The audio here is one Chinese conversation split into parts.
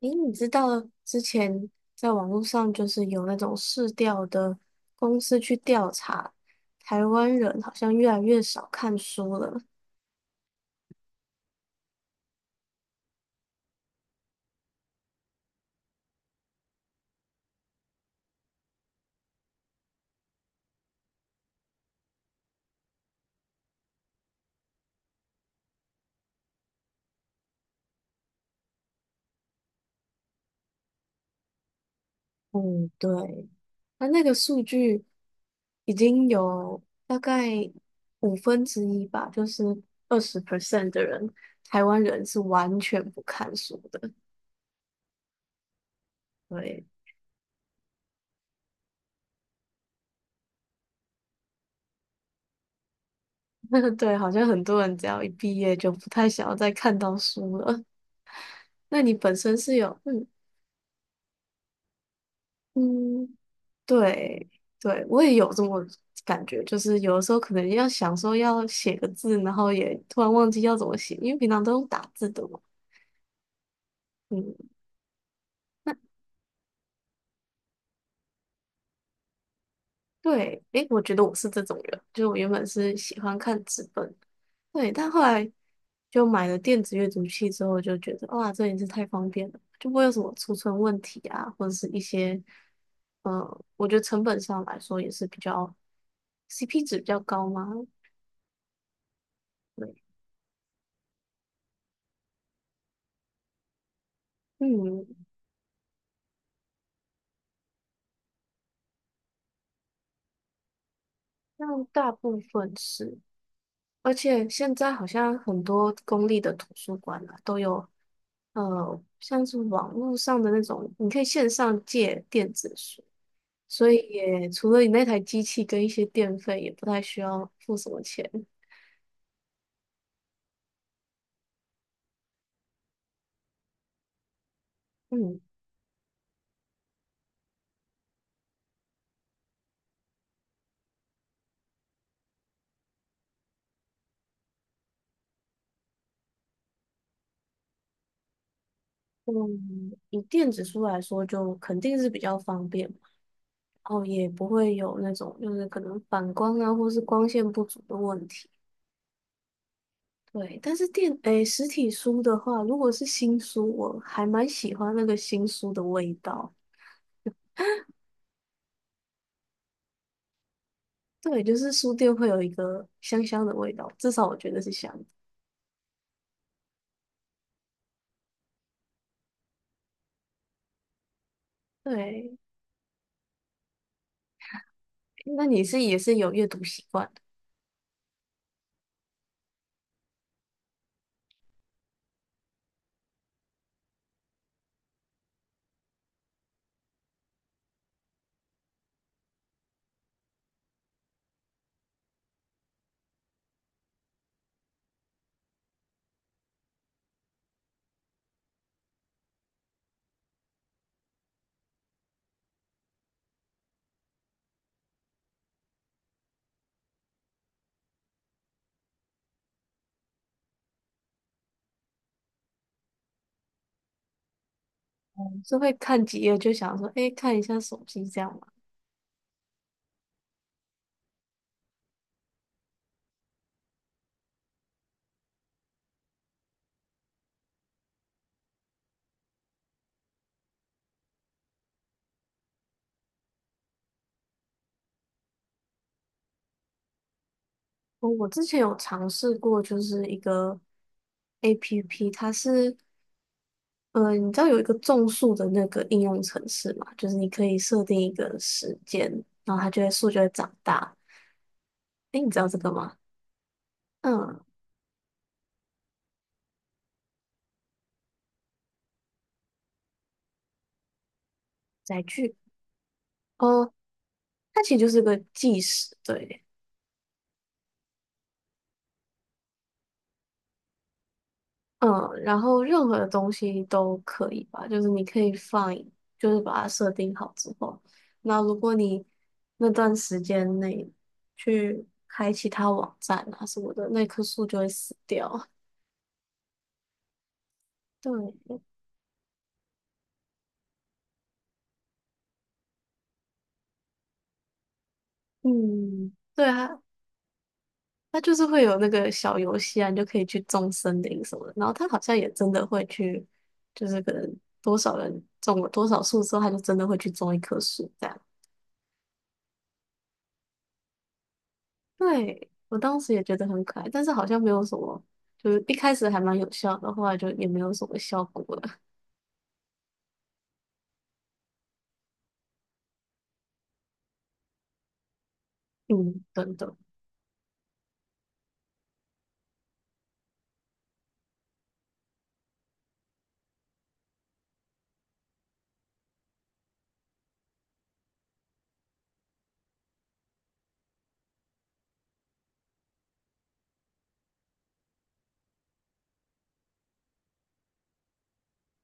诶，你知道之前在网络上就是有那种市调的公司去调查，台湾人好像越来越少看书了。嗯，对，那个数据已经有大概五分之一吧，就是20% 的人，台湾人是完全不看书的。对。对，好像很多人只要一毕业就不太想要再看到书了。那你本身是有嗯？对对，我也有这么感觉，就是有的时候可能要想说要写个字，然后也突然忘记要怎么写，因为平常都用打字的嘛。嗯，对，诶，我觉得我是这种人，就我原本是喜欢看纸本，对，但后来就买了电子阅读器之后，就觉得哇，这也是太方便了，就不会有什么储存问题啊，或者是一些，嗯，我觉得成本上来说也是比较 CP 值比较高嘛。对，嗯，像大部分是，而且现在好像很多公立的图书馆啊，都有像是网络上的那种，你可以线上借电子书，所以也除了你那台机器跟一些电费，也不太需要付什么钱。嗯嗯，以电子书来说，就肯定是比较方便嘛，然后也不会有那种就是可能反光啊，或是光线不足的问题。对，但是电，诶，实体书的话，如果是新书，我还蛮喜欢那个新书的味道。对，就是书店会有一个香香的味道，至少我觉得是香的。对，那你是也是有阅读习惯的。嗯是会看几页就想说，诶，看一下手机这样吗？我之前有尝试过，就是一个 APP，它是你知道有一个种树的那个应用程式嘛？就是你可以设定一个时间，然后它就会树就会长大。诶，你知道这个吗？嗯，载具哦，它其实就是个计时，对。嗯，然后任何的东西都可以吧，就是你可以放，就是把它设定好之后，那如果你那段时间内去开其他网站啊什么的，那棵树就会死掉。对，嗯，对啊，它就是会有那个小游戏啊，你就可以去种森林什么的。然后它好像也真的会去，就是可能多少人种了多少树之后，它就真的会去种一棵树这样。对，我当时也觉得很可爱，但是好像没有什么，就是一开始还蛮有效的，后来就也没有什么效果了。嗯，等等。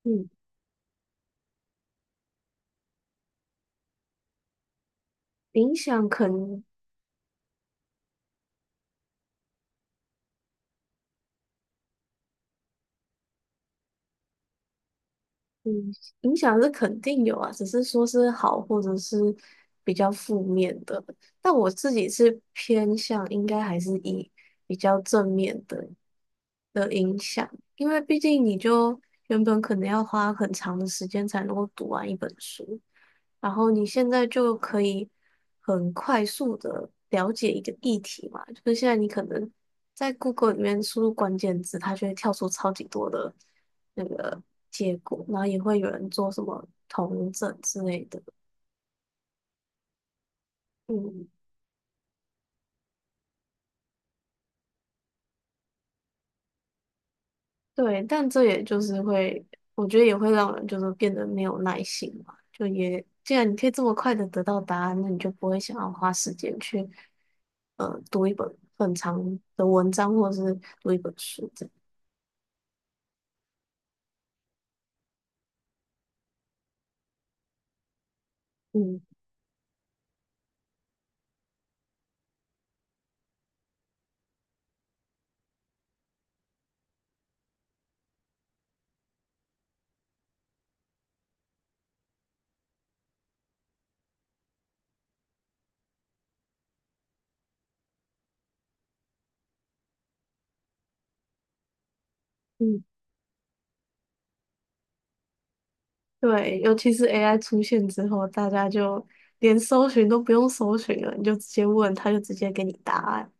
嗯，影响可能。嗯，影响是肯定有啊，只是说是好或者是比较负面的。但我自己是偏向应该还是以比较正面的影响，因为毕竟你就原本可能要花很长的时间才能够读完一本书，然后你现在就可以很快速的了解一个议题嘛，就是现在你可能在 Google 里面输入关键字，它就会跳出超级多的那个结果，然后也会有人做什么同整之类的，嗯。对，但这也就是会，我觉得也会让人就是变得没有耐心嘛。就也，既然你可以这么快的得到答案，那你就不会想要花时间去读一本很长的文章，或者是读一本书这样。嗯嗯，对，尤其是 AI 出现之后，大家就连搜寻都不用搜寻了，你就直接问，他就直接给你答案。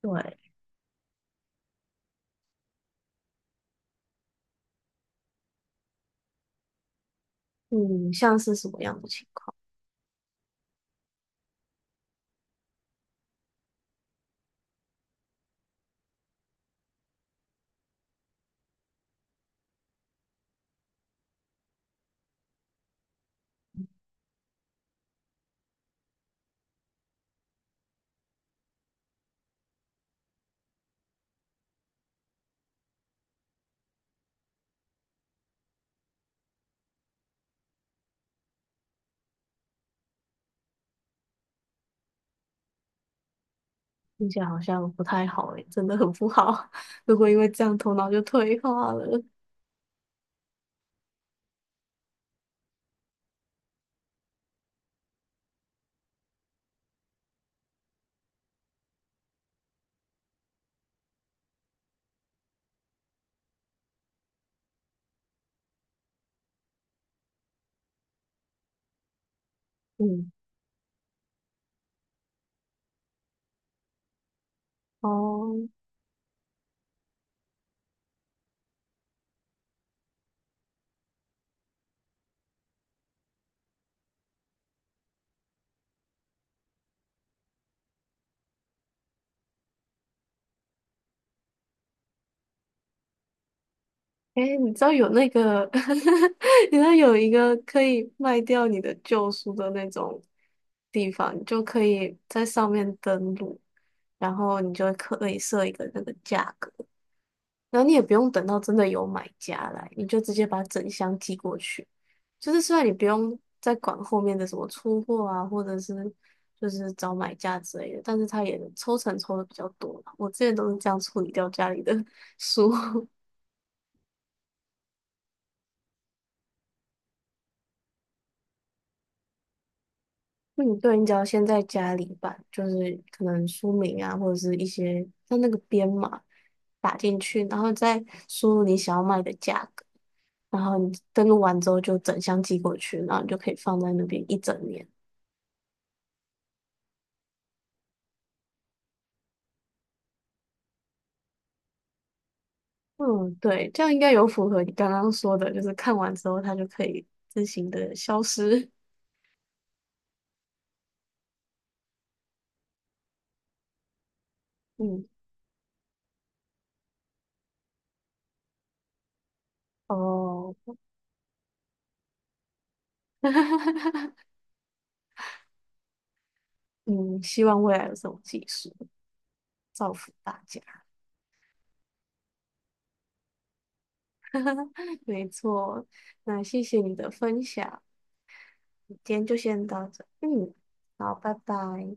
对，嗯，像是什么样的情况？听起来好像不太好诶，真的很不好。如果因为这样头脑就退化了，嗯，哦，诶，你知道有那个，你知道有一个可以卖掉你的旧书的那种地方，你就可以在上面登录，然后你就可以设一个那个价格。然后你也不用等到真的有买家来，你就直接把整箱寄过去。就是虽然你不用再管后面的什么出货啊，或者是就是找买家之类的，但是他也抽成抽的比较多嘛。我之前都是这样处理掉家里的 书。嗯，对，你只要先在家里把就是可能书名啊，或者是一些像那个编码打进去，然后再输入你想要卖的价格。然后你登录完之后就整箱寄过去，然后你就可以放在那边一整年。嗯，对，这样应该有符合你刚刚说的，就是看完之后它就可以自行的消失。嗯，哦，嗯，希望未来有这种技术，造福大家。没错，那谢谢你的分享，今天就先到这。嗯，好，拜拜。